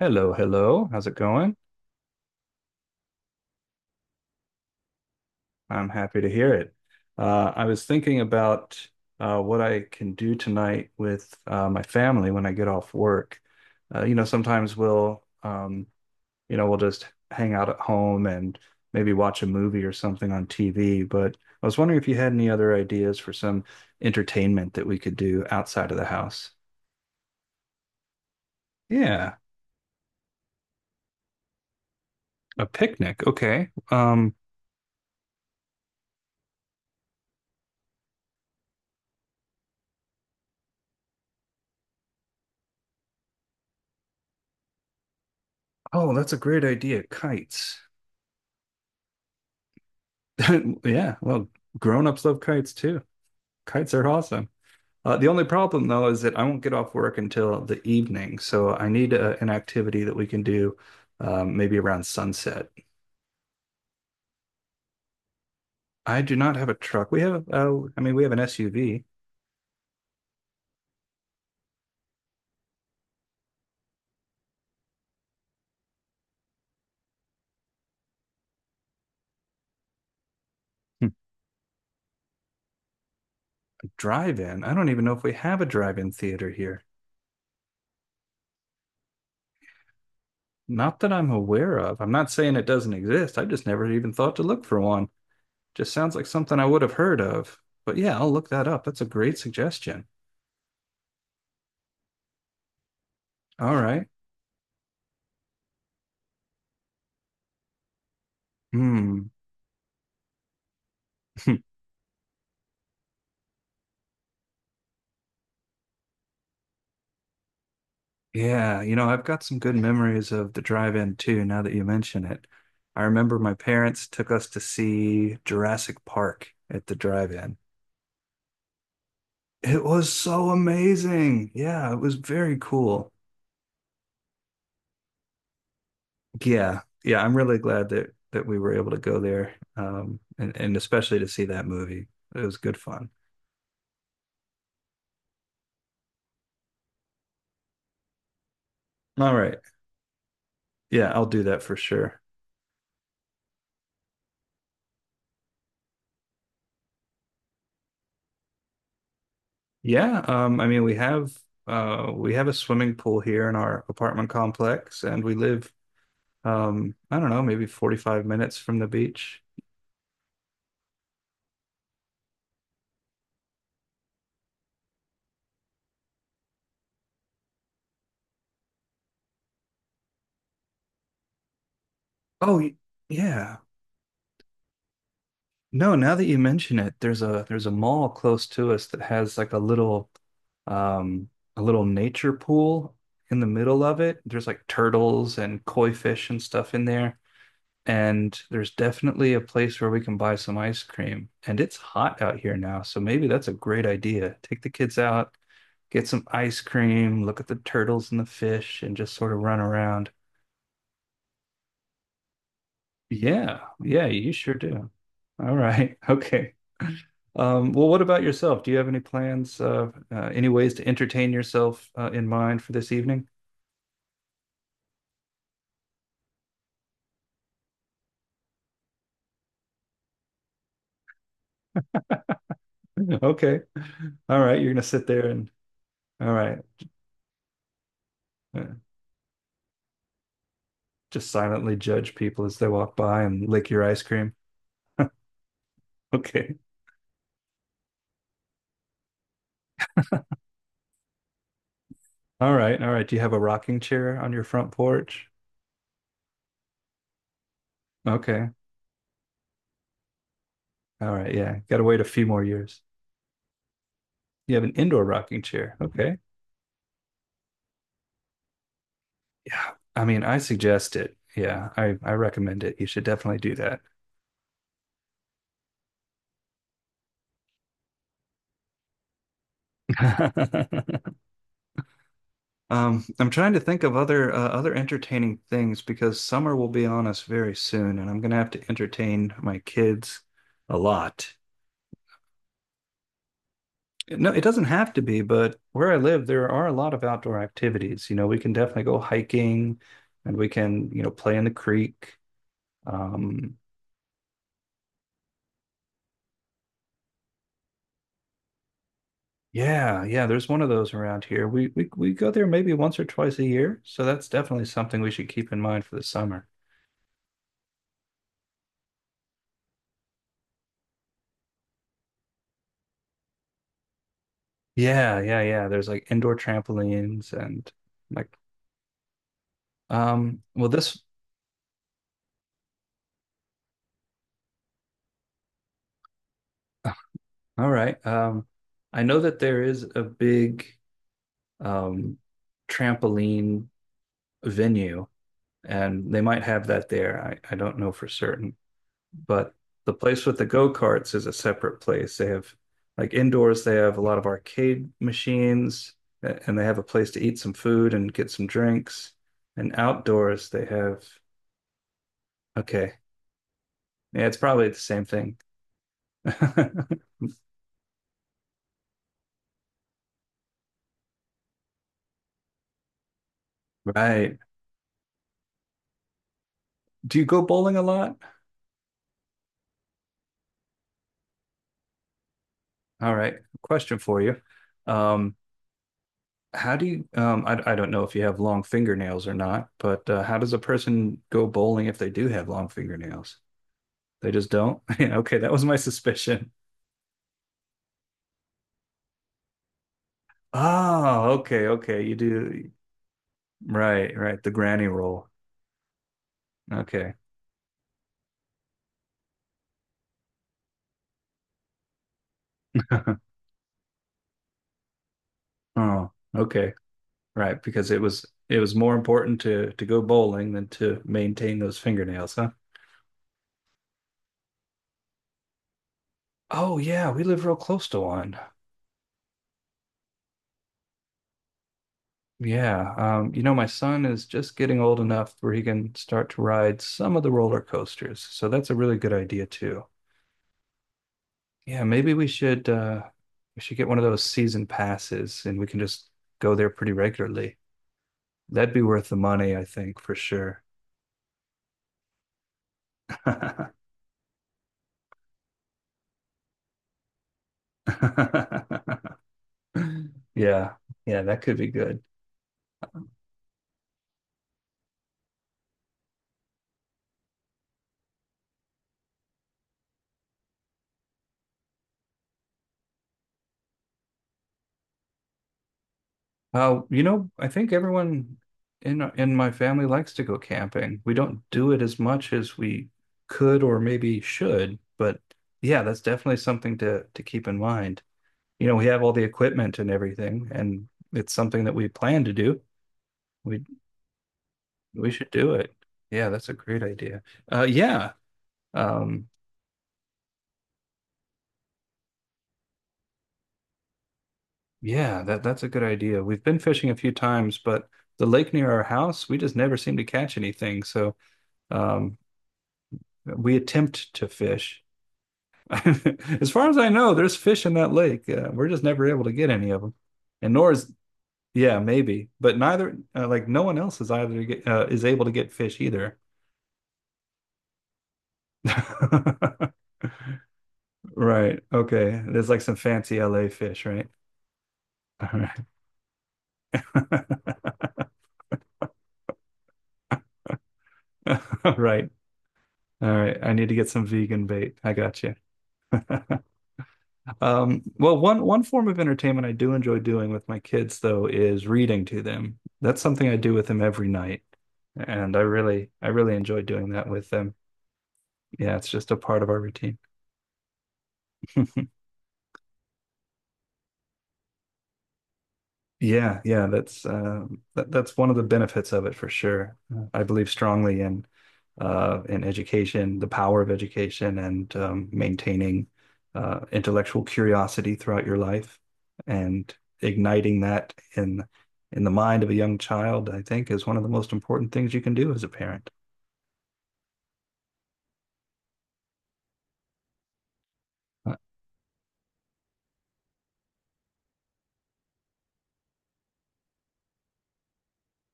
Hello, hello. How's it going? I'm happy to hear it. I was thinking about what I can do tonight with my family when I get off work. You know, sometimes we'll you know, we'll just hang out at home and maybe watch a movie or something on TV. But I was wondering if you had any other ideas for some entertainment that we could do outside of the house. Yeah, a picnic. Okay. Oh, that's a great idea. Kites. Yeah, well, grown-ups love kites too. Kites are awesome. The only problem though is that I won't get off work until the evening, so I need an activity that we can do maybe around sunset. I do not have a truck. We have, I mean, we have an SUV. Drive-in. I don't even know if we have a drive-in theater here. Not that I'm aware of. I'm not saying it doesn't exist. I just never even thought to look for one. Just sounds like something I would have heard of. But yeah, I'll look that up. That's a great suggestion. All right. Hmm. Yeah, you know, I've got some good memories of the drive-in too, now that you mention it. I remember my parents took us to see Jurassic Park at the drive-in. It was so amazing. Yeah, it was very cool. Yeah. Yeah, I'm really glad that we were able to go there. And especially to see that movie. It was good fun. All right. Yeah, I'll do that for sure. Yeah, I mean we have we have a swimming pool here in our apartment complex and we live. I don't know, maybe 45 minutes from the beach. Oh, y- yeah. No, now that you mention it, there's a mall close to us that has like um a little nature pool in the middle of it. There's like turtles and koi fish and stuff in there. And there's definitely a place where we can buy some ice cream. And it's hot out here now, so maybe that's a great idea. Take the kids out, get some ice cream, look at the turtles and the fish, and just sort of run around. Yeah, yeah, you sure do. All right. Okay. Well, what about yourself? Do you have any plans, any ways to entertain yourself in mind for this evening? Okay. All right. You're gonna sit there and all right, uh, just silently judge people as they walk by and lick your ice cream. Okay. All right. All right. Do you have a rocking chair on your front porch? Okay. All right. Yeah. Got to wait a few more years. You have an indoor rocking chair. Okay. Yeah, I mean, I suggest it. Yeah, I recommend it. You should definitely do that. I'm trying to think of other other entertaining things because summer will be on us very soon, and I'm gonna have to entertain my kids a lot. No, it doesn't have to be, but where I live, there are a lot of outdoor activities. You know, we can definitely go hiking, and we can, you know, play in the creek. Um, Yeah, yeah, there's one of those around here. We go there maybe once or twice a year, so that's definitely something we should keep in mind for the summer. Yeah, yeah, yeah. There's like indoor trampolines and like well this all right. Um, I know that there is a big um trampoline venue and they might have that there. I don't know for certain. But the place with the go-karts is a separate place. They have like indoors, they have a lot of arcade machines and they have a place to eat some food and get some drinks. And outdoors, they have, okay. Yeah, it's probably the same thing. Right. Do you go bowling a lot? All right. Question for you. Um, how do you, I don't know if you have long fingernails or not, but how does a person go bowling if they do have long fingernails? They just don't? Yeah, okay, that was my suspicion. Oh, okay, okay. You do right, right. The granny roll. Okay. Oh, okay. Right, because it was more important to go bowling than to maintain those fingernails, huh? Oh yeah, we live real close to one. Yeah. You know, my son is just getting old enough where he can start to ride some of the roller coasters. So that's a really good idea too. Yeah, maybe we should get one of those season passes and we can just go there pretty regularly. That'd be worth the money, I think, for sure. Yeah. Yeah, that could be good. You know, I think everyone in my family likes to go camping. We don't do it as much as we could or maybe should, but yeah, that's definitely something to keep in mind. You know, we have all the equipment and everything, and it's something that we plan to do. We we should do it. Yeah, that's a great idea. Yeah. Um, yeah, that's a good idea. We've been fishing a few times, but the lake near our house, we just never seem to catch anything. So, um, we attempt to fish. As far as I know, there's fish in that lake. We're just never able to get any of them. And nor is, yeah, maybe, but neither, like no one else is is able to get fish either. Right. Okay. There's like some fancy LA fish, right? All right. All right. All right. I need to get some vegan bait. I got you. Well, one form of entertainment I do enjoy doing with my kids, though, is reading to them. That's something I do with them every night, and I really enjoy doing that with them. Yeah, it's just a part of our routine. Yeah, yeah, that's that's one of the benefits of it for sure. I believe strongly in education, the power of education, and maintaining intellectual curiosity throughout your life, and igniting that in the mind of a young child, I think, is one of the most important things you can do as a parent. Uh,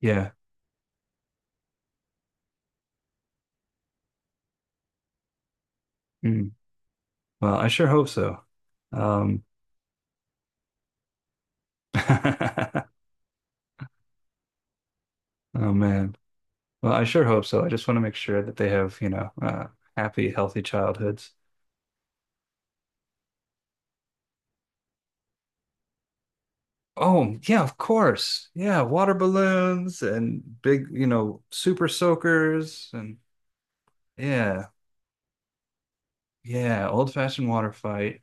yeah. Mm. Well, I sure hope so. Um, oh man. Well, I sure hope so. I just want to make sure that they have, you know, happy, healthy childhoods. Oh, yeah, of course. Yeah, water balloons and big, you know, super soakers and yeah, yeah, old-fashioned water fight.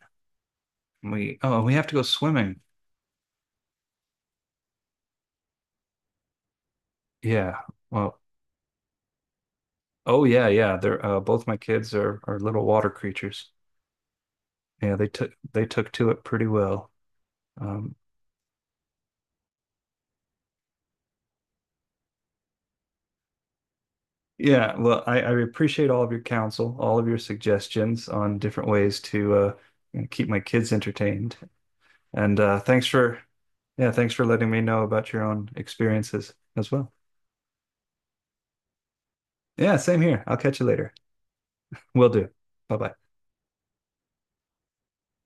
We oh, we have to go swimming. Yeah. Well, oh yeah, yeah. They're both my kids are little water creatures. Yeah, they took to it pretty well. Um, Yeah, well, I appreciate all of your counsel, all of your suggestions on different ways to you know, keep my kids entertained. And thanks for, yeah, thanks for letting me know about your own experiences as well. Yeah, same here. I'll catch you later. Will do. Bye bye.